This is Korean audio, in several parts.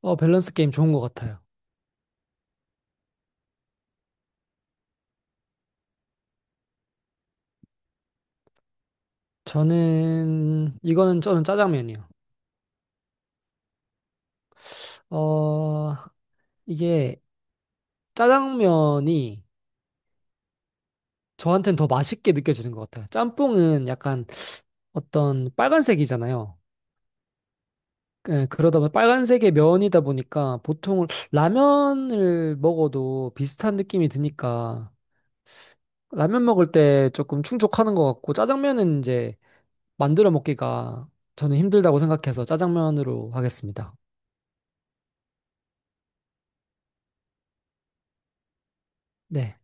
밸런스 게임 좋은 것 같아요. 이거는 저는 짜장면이요. 어, 이게 짜장면이 저한테는 더 맛있게 느껴지는 것 같아요. 짬뽕은 약간 어떤 빨간색이잖아요. 예, 그러다 보니 빨간색의 면이다 보니까 보통 라면을 먹어도 비슷한 느낌이 드니까 라면 먹을 때 조금 충족하는 것 같고 짜장면은 이제 만들어 먹기가 저는 힘들다고 생각해서 짜장면으로 하겠습니다. 네.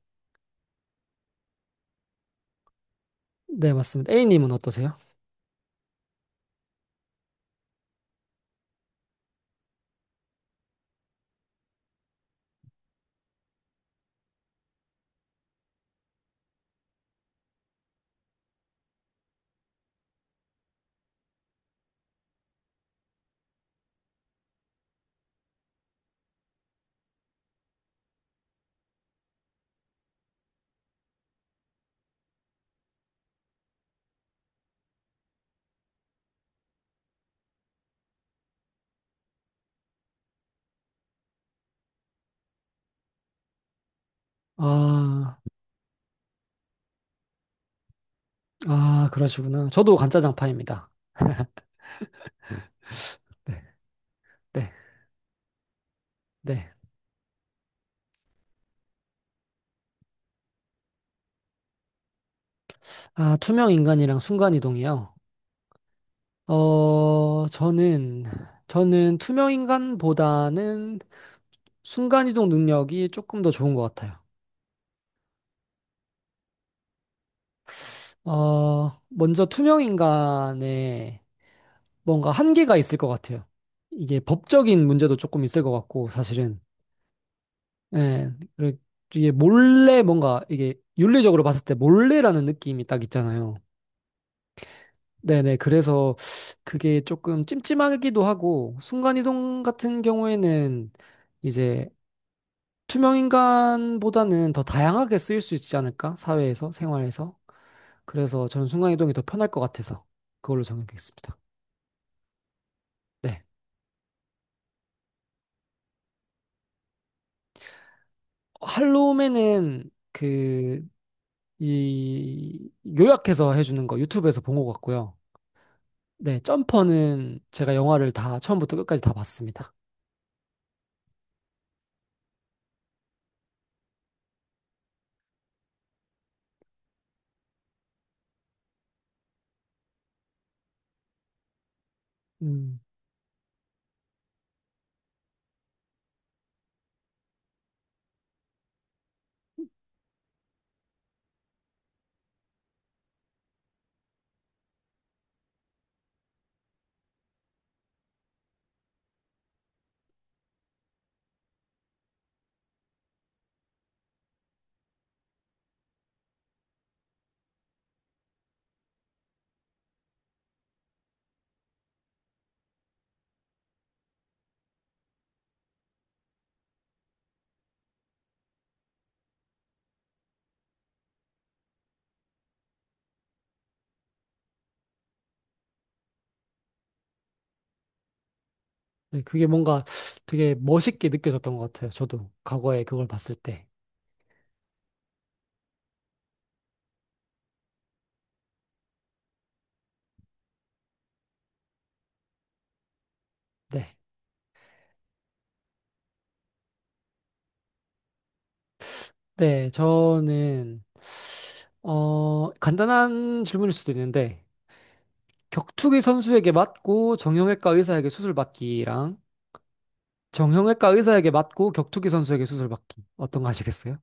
네, 맞습니다. A님은 어떠세요? 아, 아, 그러시구나. 저도 간짜장파입니다. 네, 네. 아, 투명인간이랑 순간이동이요. 어, 저는, 저는 투명인간보다는 순간이동 능력이 조금 더 좋은 것 같아요. 먼저 투명인간에 뭔가 한계가 있을 것 같아요. 이게 법적인 문제도 조금 있을 것 같고, 사실은. 예, 그리고 이게 몰래 뭔가 이게 윤리적으로 봤을 때 몰래라는 느낌이 딱 있잖아요. 네네. 그래서 그게 조금 찜찜하기도 하고, 순간이동 같은 경우에는 이제 투명인간보다는 더 다양하게 쓰일 수 있지 않을까? 사회에서, 생활에서. 그래서 저는 순간이동이 더 편할 것 같아서 그걸로 정했겠습니다. 네. 할로우맨은 요약해서 해주는 거 유튜브에서 본 것 같고요. 네. 점퍼는 제가 영화를 다 처음부터 끝까지 다 봤습니다. 음. 네, 그게 뭔가 되게 멋있게 느껴졌던 것 같아요. 저도 과거에 그걸 봤을 때. 네. 네, 간단한 질문일 수도 있는데, 격투기 선수에게 맞고 정형외과 의사에게 수술 받기랑 정형외과 의사에게 맞고 격투기 선수에게 수술 받기. 어떤 거 하시겠어요?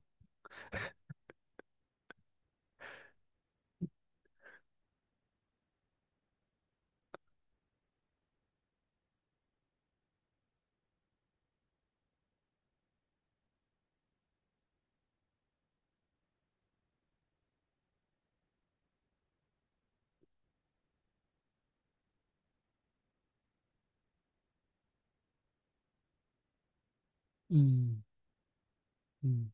음, 음.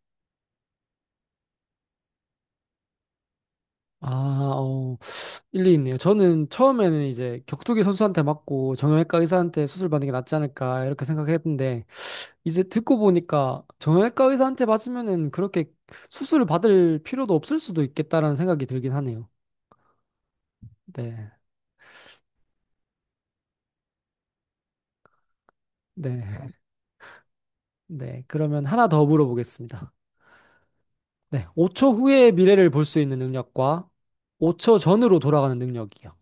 아, 어, 일리 있네요. 저는 처음에는 이제 격투기 선수한테 맞고 정형외과 의사한테 수술 받는 게 낫지 않을까 이렇게 생각했는데, 이제 듣고 보니까 정형외과 의사한테 맞으면은 그렇게 수술을 받을 필요도 없을 수도 있겠다라는 생각이 들긴 하네요. 네. 네. 네. 그러면 하나 더 물어보겠습니다. 네. 5초 후의 미래를 볼 수 있는 능력과 5초 전으로 돌아가는 능력이요.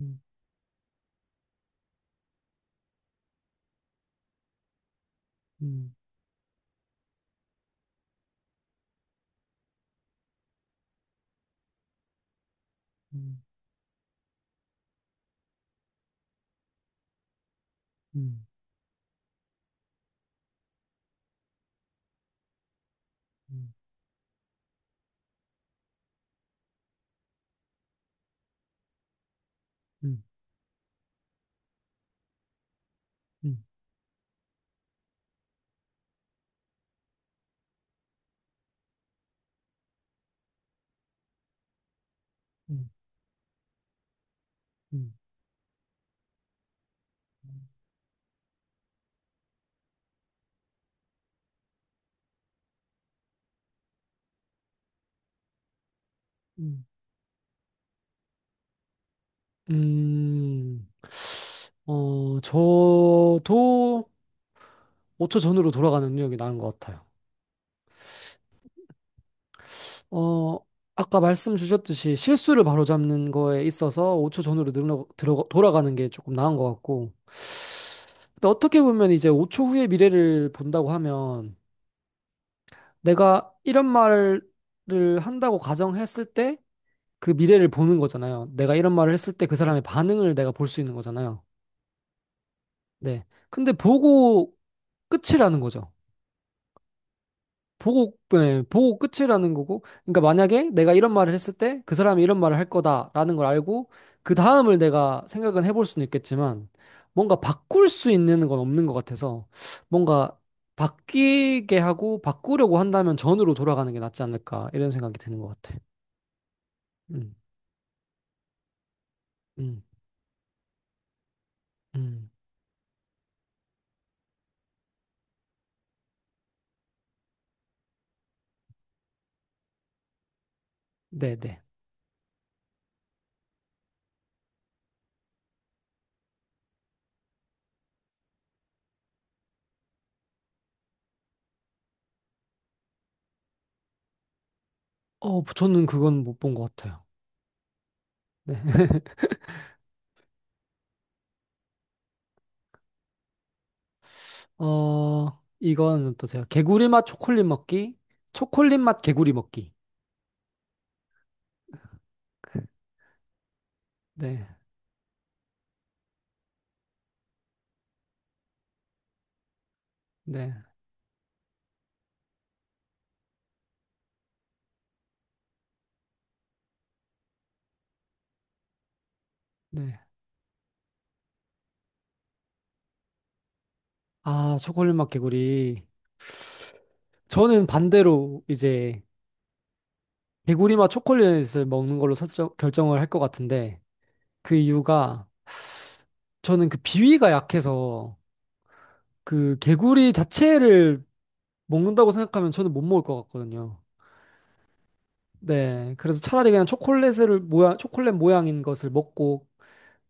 음, 음, 음, 음, 음, 음, 음, 음, 음, 음. 음, 저도 5초 전으로 돌아가는 능력이 나은 것 같아요. 어, 아까 말씀 주셨듯이 실수를 바로잡는 거에 있어서 5초 전으로 돌아가는 게 조금 나은 것 같고. 근데 어떻게 보면 이제 5초 후의 미래를 본다고 하면 내가 이런 말을 한다고 가정했을 때 그 미래를 보는 거잖아요. 내가 이런 말을 했을 때 그 사람의 반응을 내가 볼 수 있는 거잖아요. 네. 근데 보고 끝이라는 거죠. 보고, 네, 보고 끝이라는 거고. 그러니까 만약에 내가 이런 말을 했을 때 그 사람이 이런 말을 할 거다라는 걸 알고 그 다음을 내가 생각은 해볼 수는 있겠지만 뭔가 바꿀 수 있는 건 없는 것 같아서 뭔가 바뀌게 하고 바꾸려고 한다면 전으로 돌아가는 게 낫지 않을까 이런 생각이 드는 것 같아. 음, 음, 음. 네네. 저는 그건 못 본 것 같아요. 네. 이건 어떠세요? 개구리 맛 초콜릿 먹기, 초콜릿 맛 개구리 먹기. 네. 네, 네. 아, 초콜릿 맛 개구리. 저는 반대로 이제 개구리 맛 초콜릿을 먹는 걸로 결정을 할 것 같은데 그 이유가 저는 그 비위가 약해서 그 개구리 자체를 먹는다고 생각하면 저는 못 먹을 것 같거든요. 네, 그래서 차라리 그냥 초콜릿 모양인 것을 먹고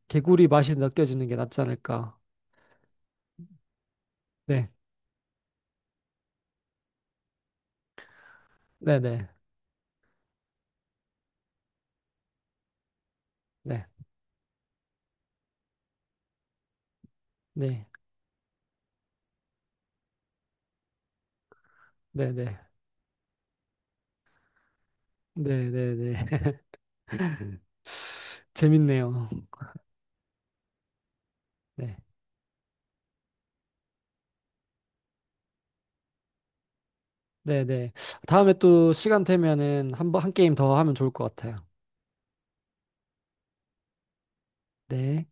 개구리 맛이 느껴지는 게 낫지 않을까. 네, 네, 네, 네, 네, 네, 네, 네, 네, 네. 재밌네요. 네. 네네. 다음에 또 시간 되면은 한 게임 더 하면 좋을 것 같아요. 네.